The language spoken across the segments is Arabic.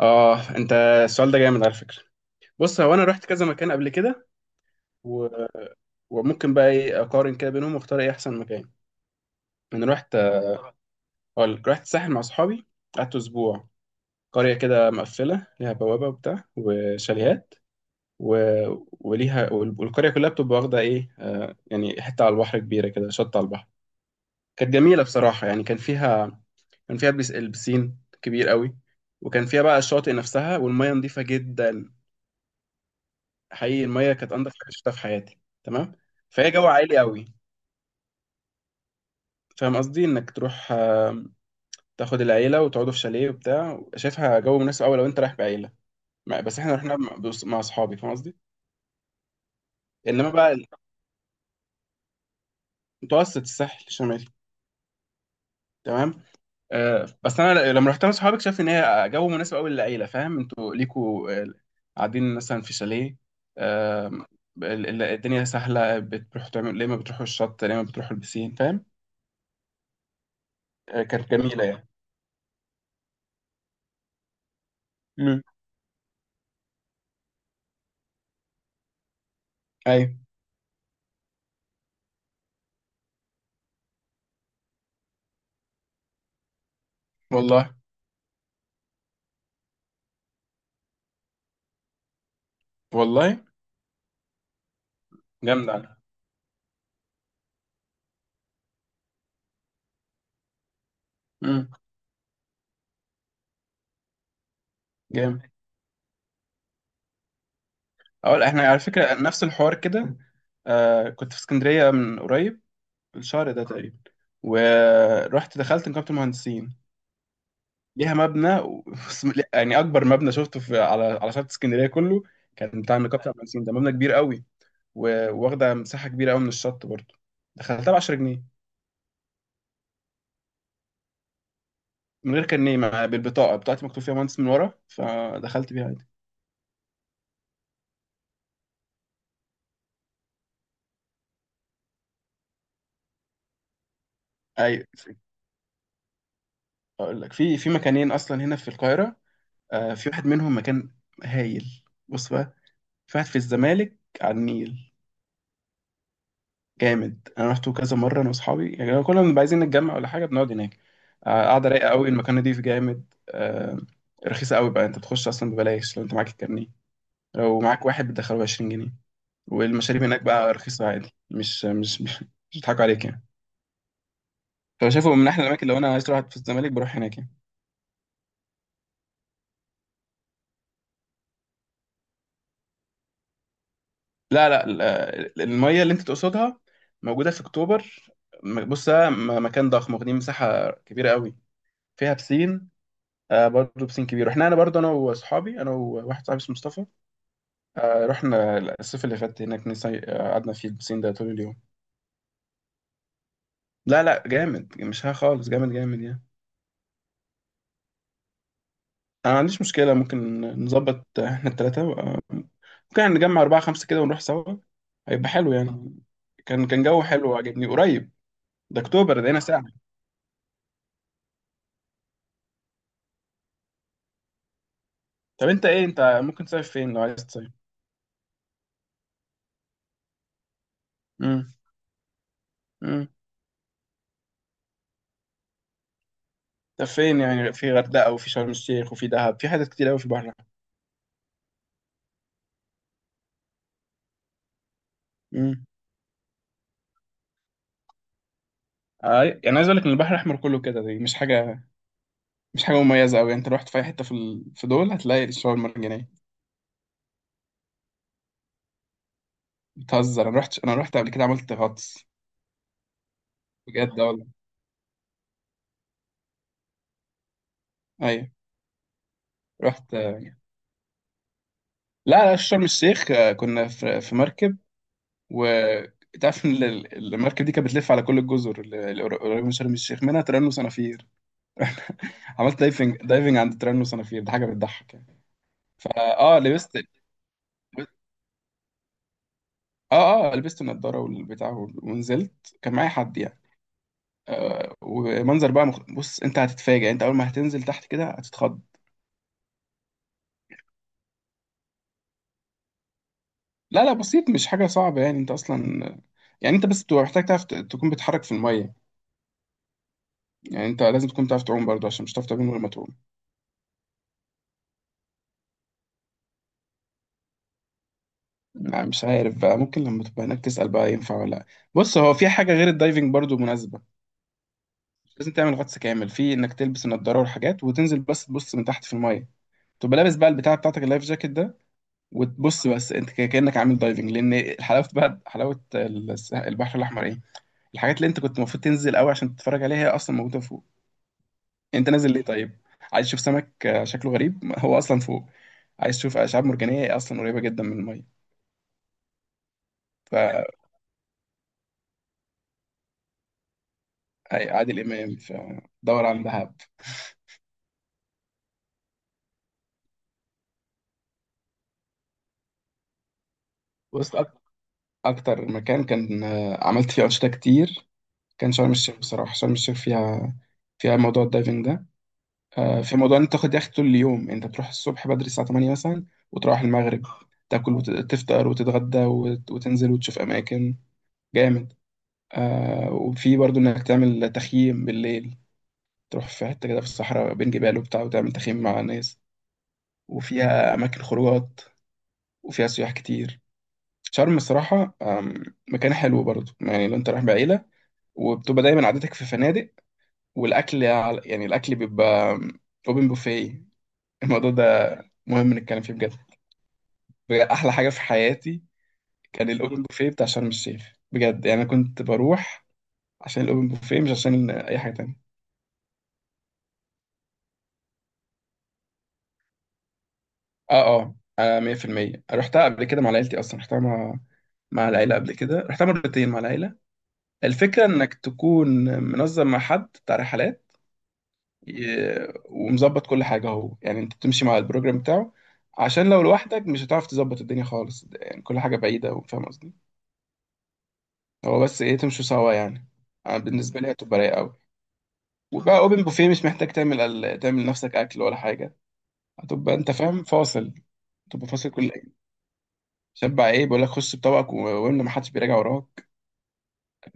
اه، انت السؤال ده جامد على فكره. بص، هو انا رحت كذا مكان قبل كده و... وممكن بقى ايه اقارن كده بينهم واختار ايه احسن مكان انا رحت اقول لك رحت الساحل مع اصحابي قعدت اسبوع قريه كده مقفله ليها بوابه وبتاع وشاليهات و... والقريه كلها بتبقى واخده ايه آه يعني حته على البحر كبيره كده، شط على البحر. كانت جميله بصراحه يعني. كان فيها البسين كبير قوي. وكان فيها بقى الشاطئ نفسها والميه نظيفه جدا. حقيقي الميه كانت انضف حاجه شفتها في حياتي. تمام. فهي جو عائلي قوي، فاهم قصدي؟ انك تروح آه، تاخد العيله وتقعدوا في شاليه وبتاع. شايفها جو مناسب قوي لو انت رايح بعيله. بس احنا رحنا مع اصحابي، فاهم قصدي. انما بقى، متوسط، الساحل الشمالي. تمام. آه بس انا لما رحت مع اصحابي اكتشفت ان هي جو مناسب قوي للعيله. فاهم انتوا ليكوا آه، قاعدين مثلا في شاليه آه، الدنيا سهله، بتروحوا تعملوا ليه، ما بتروحوا الشط، ليه ما بتروحوا البسين، فاهم؟ آه، كانت جميله يعني. مم. ايوه. والله. والله جامد على. امم. جامد. اقول احنا على فكره نفس الحوار كده. آه، كنت في اسكندريه من قريب، الشهر ده تقريبا. ورحت دخلت نقابه المهندسين، ليها مبنى لا، يعني اكبر مبنى شفته في على على شط اسكندريه كله كان بتاع نقابه المهندسين. ده مبنى كبير قوي واخده مساحه كبيره قوي من الشط برضه. دخلتها ب 10 جنيه من غير كارنيه. بالبطاقه بتاعتي مكتوب فيها مهندس من ورا، فدخلت بيها عادي. ايوه. اقول لك، في مكانين اصلا هنا في القاهره. آه، في واحد منهم مكان هايل. بص بقى، في واحد في الزمالك على النيل، جامد. انا رحته كذا مره انا واصحابي يعني، كل ما بنبقى عايزين نتجمع ولا حاجه بنقعد هناك. آه، قاعده رايقه قوي، المكان نضيف جامد. آه، رخيصه قوي بقى. انت بتخش اصلا ببلاش لو انت معاك الكارنيه. لو معاك واحد بتدخله 20 جنيه. والمشاريب هناك بقى رخيصه عادي، مش مش بيضحكوا عليك يعني. فشايفه من احلى الاماكن. لو انا عايز اروح في الزمالك بروح هناك يعني. لا لا، المية اللي انت تقصدها موجودة في اكتوبر. بص، ده مكان ضخم، واخدين مساحة كبيرة قوي، فيها بسين. آه برضه بسين كبير. احنا انا برضه، انا واصحابي، انا وواحد صاحبي اسمه مصطفى، آه رحنا الصيف اللي فات هناك. آه، قعدنا في البسين ده طول اليوم. لا لا، جامد، مش ها خالص، جامد جامد يعني. انا ما عنديش مشكلة، ممكن نظبط احنا التلاتة. آه، ممكن يعني نجمع أربعة خمسة كده ونروح سوا. هيبقى حلو يعني. كان جو حلو وعجبني، قريب. ده اكتوبر ده هنا ساعة. طب انت ايه، انت ممكن تصيف فين لو عايز تصيف؟ امم. امم. طب فين يعني؟ في غردقه وفي شرم الشيخ وفي دهب، في حاجات كتير قوي في البحر الاحمر. امم. اي يعني، عايز اقول لك ان البحر الاحمر كله كده دي مش حاجه، مش حاجه مميزه قوي يعني. انت رحت في اي حته في في دول هتلاقي الشعاب المرجانيه. بتهزر؟ انا رحت قبل كده، عملت غطس. بجد آه، والله. ايوه، رحت. لا لا، شرم الشيخ آه، كنا في مركب. و تعرف ان المركب دي كانت بتلف على كل الجزر اللي قريبه من شرم الشيخ، منها تيران وصنافير. عملت دايفنج عند تيرانو صنافير، دي حاجه بتضحك يعني. فا لبست. اه لبست النضاره والبتاع ونزلت، كان معايا حد يعني. ومنظر بقى بص، انت هتتفاجئ. انت اول ما هتنزل تحت كده هتتخض. لا لا، بسيط، مش حاجه صعبه يعني. انت اصلا يعني انت بس بتبقى محتاج تعرف تكون بتتحرك في الميه. يعني انت لازم تكون تعرف تعوم برضو، عشان مش هتعرف تعوم من غير ما تعوم. يعني مش عارف بقى، ممكن لما تبقى هناك تسال بقى ينفع ولا لا. بص، هو في حاجه غير الدايفنج برضو مناسبه. لازم تعمل غطس كامل، في انك تلبس النضاره والحاجات وتنزل بس تبص من تحت في الميه. تبقى لابس بقى البتاع بتاعتك، اللايف جاكيت ده، وتبص بس انت كانك عامل دايفنج. لان حلاوه بقى، حلاوه البحر الاحمر ايه، الحاجات اللي انت كنت المفروض تنزل قوي عشان تتفرج عليها هي اصلا موجوده فوق. انت نازل ليه طيب؟ عايز تشوف سمك آه، شكله غريب؟ ما هو اصلا فوق. عايز تشوف اشعاب مرجانيه؟ هي اصلا قريبه جدا من الميه. فعادل امام فدور عن دهب. بص اكتر مكان كان آه، عملت فيه انشطه كتير كان شرم الشيخ بصراحة. شرم الشيخ فيها، فيها موضوع الدايفنج ده. آه، في موضوع ان انت تاخد يخت طول اليوم. انت تروح الصبح بدري الساعة 8 مثلا وتروح المغرب، تاكل وتفطر وتتغدى وتنزل وتشوف اماكن. جامد. آه، وفي برضو انك تعمل تخييم بالليل. تروح في حتة كده في الصحراء بين جبال وبتاع وتعمل تخييم مع ناس. وفيها اماكن خروجات، وفيها سياح كتير. شرم الصراحة آم، مكان حلو برضو يعني لو انت رايح بعيلة وبتبقى دايما عادتك في فنادق. والاكل يعني الاكل بيبقى اوبن بوفيه. الموضوع ده مهم نتكلم فيه بجد. بجد احلى حاجه في حياتي كان الاوبن بوفيه بتاع شرم الشيخ. بجد يعني انا كنت بروح عشان الاوبن بوفيه، مش عشان اي حاجه تانية. اه آه، 100% رحتها قبل كده مع عيلتي اصلا. رحتها مع العيله قبل كده، رحتها مرتين مع العيله. الفكره انك تكون منظم مع حد بتاع رحلات ومظبط كل حاجة اهو. يعني انت بتمشي مع البروجرام بتاعه، عشان لو لوحدك مش هتعرف تظبط الدنيا خالص يعني. كل حاجة بعيدة وفاهم قصدي. هو بس ايه، تمشوا سوا يعني. أنا بالنسبة لي هتبقى رايقة قوي. وبقى اوبن بوفيه، مش محتاج تعمل تعمل لنفسك اكل ولا حاجة. هتبقى انت فاهم، فاصل. تبقى فاصل كل ايه، شبع ايه. بيقول لك خش بطبقك واملى، ما حدش بيراجع وراك.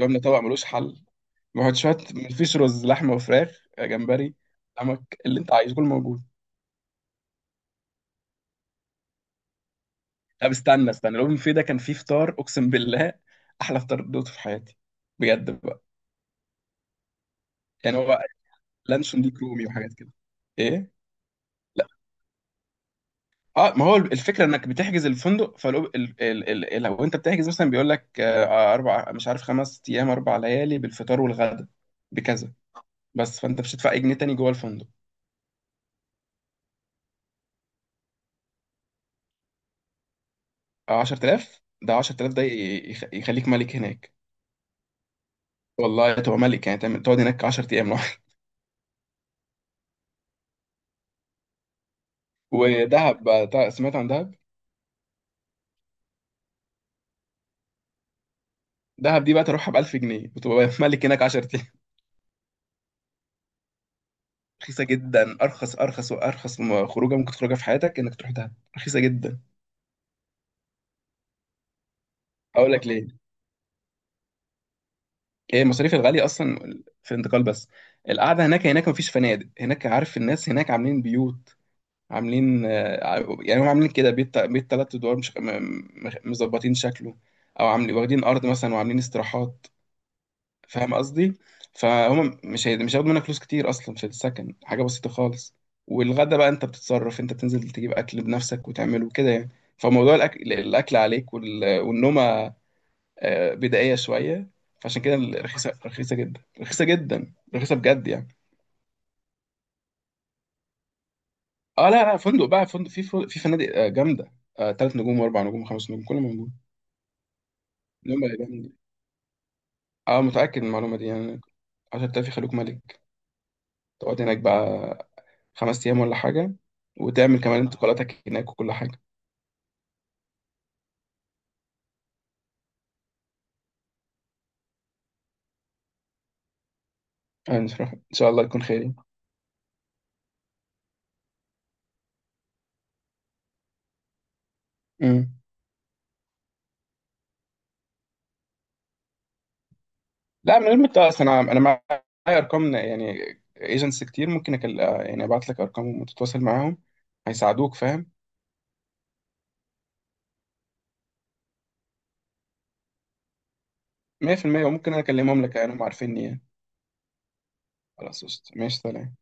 واملى طبق ملوش حل، وحط شوية. مفيش رز، لحمة وفراخ، جمبري، سمك، اللي انت عايزه كله موجود. طب استنى استنى، الاوبن بوفيه ده كان فيه فطار اقسم بالله احلى فطار دوته في حياتي، بجد بقى. يعني هو لانشون دي كرومي وحاجات كده ايه. لا، اه ما هو الفكره انك بتحجز الفندق. فلو لو انت بتحجز مثلا بيقول لك آه، اربع، مش عارف خمس ايام، اربع ليالي بالفطار والغدا بكذا بس. فانت مش هتدفع اي جنيه تاني جوه الفندق. آه، 10000 ده، 10000 ده يخليك ملك هناك. والله تبقى ملك يعني، تعمل تقعد هناك 10 ايام لوحدك. ودهب بقى. سمعت عن دهب دي بقى، تروحها ب 1000 جنيه وتبقى ملك هناك 10 ايام. رخيصه جدا، ارخص ارخص وارخص خروجه ممكن تخرجها في حياتك انك تروح دهب، رخيصه جدا. هقول لك ليه. هي المصاريف الغاليه اصلا في الانتقال بس. القعده هناك، هناك مفيش فنادق هناك عارف. الناس هناك عاملين بيوت، عاملين آه، يعني هم عاملين كده بيت بيت ثلاث ادوار، مش مظبطين شكله. او عاملين واخدين ارض مثلا وعاملين استراحات، فاهم قصدي. فهم مش هياخدوا منك فلوس كتير. اصلا في السكن حاجه بسيطه خالص. والغدا بقى انت بتتصرف، انت بتنزل تجيب اكل بنفسك وتعمله كده يعني. فموضوع الاكل، الاكل عليك والنومه آه، بدائيه شويه. فعشان كده رخيصه، رخيصه جدا، رخيصه جدا، رخيصه بجد يعني. اه، لا لا، فندق بقى، فندق في فنادق آه، جامده. آه، تلات نجوم واربع نجوم وخمس نجوم كله موجود. نوم بقى جامد. اه متاكد من المعلومه دي يعني، 10000 يخلوك ملك. تقعد هناك بقى خمس أيام ولا حاجة، وتعمل كمان آه. انتقالاتك هناك وكل حاجة. آه، إن شاء الله يكون خير يعني. امم. لا، من أصلا أنا معايا أرقام يعني، ايجنتس كتير. ممكن آه، يعني أبعت لك أرقامهم وتتواصل معاهم، هيساعدوك فاهم. 100% وممكن أنا أكلمهم لك يعني، هم عارفيني يعني. خلاص قشطة. ماشي سلام.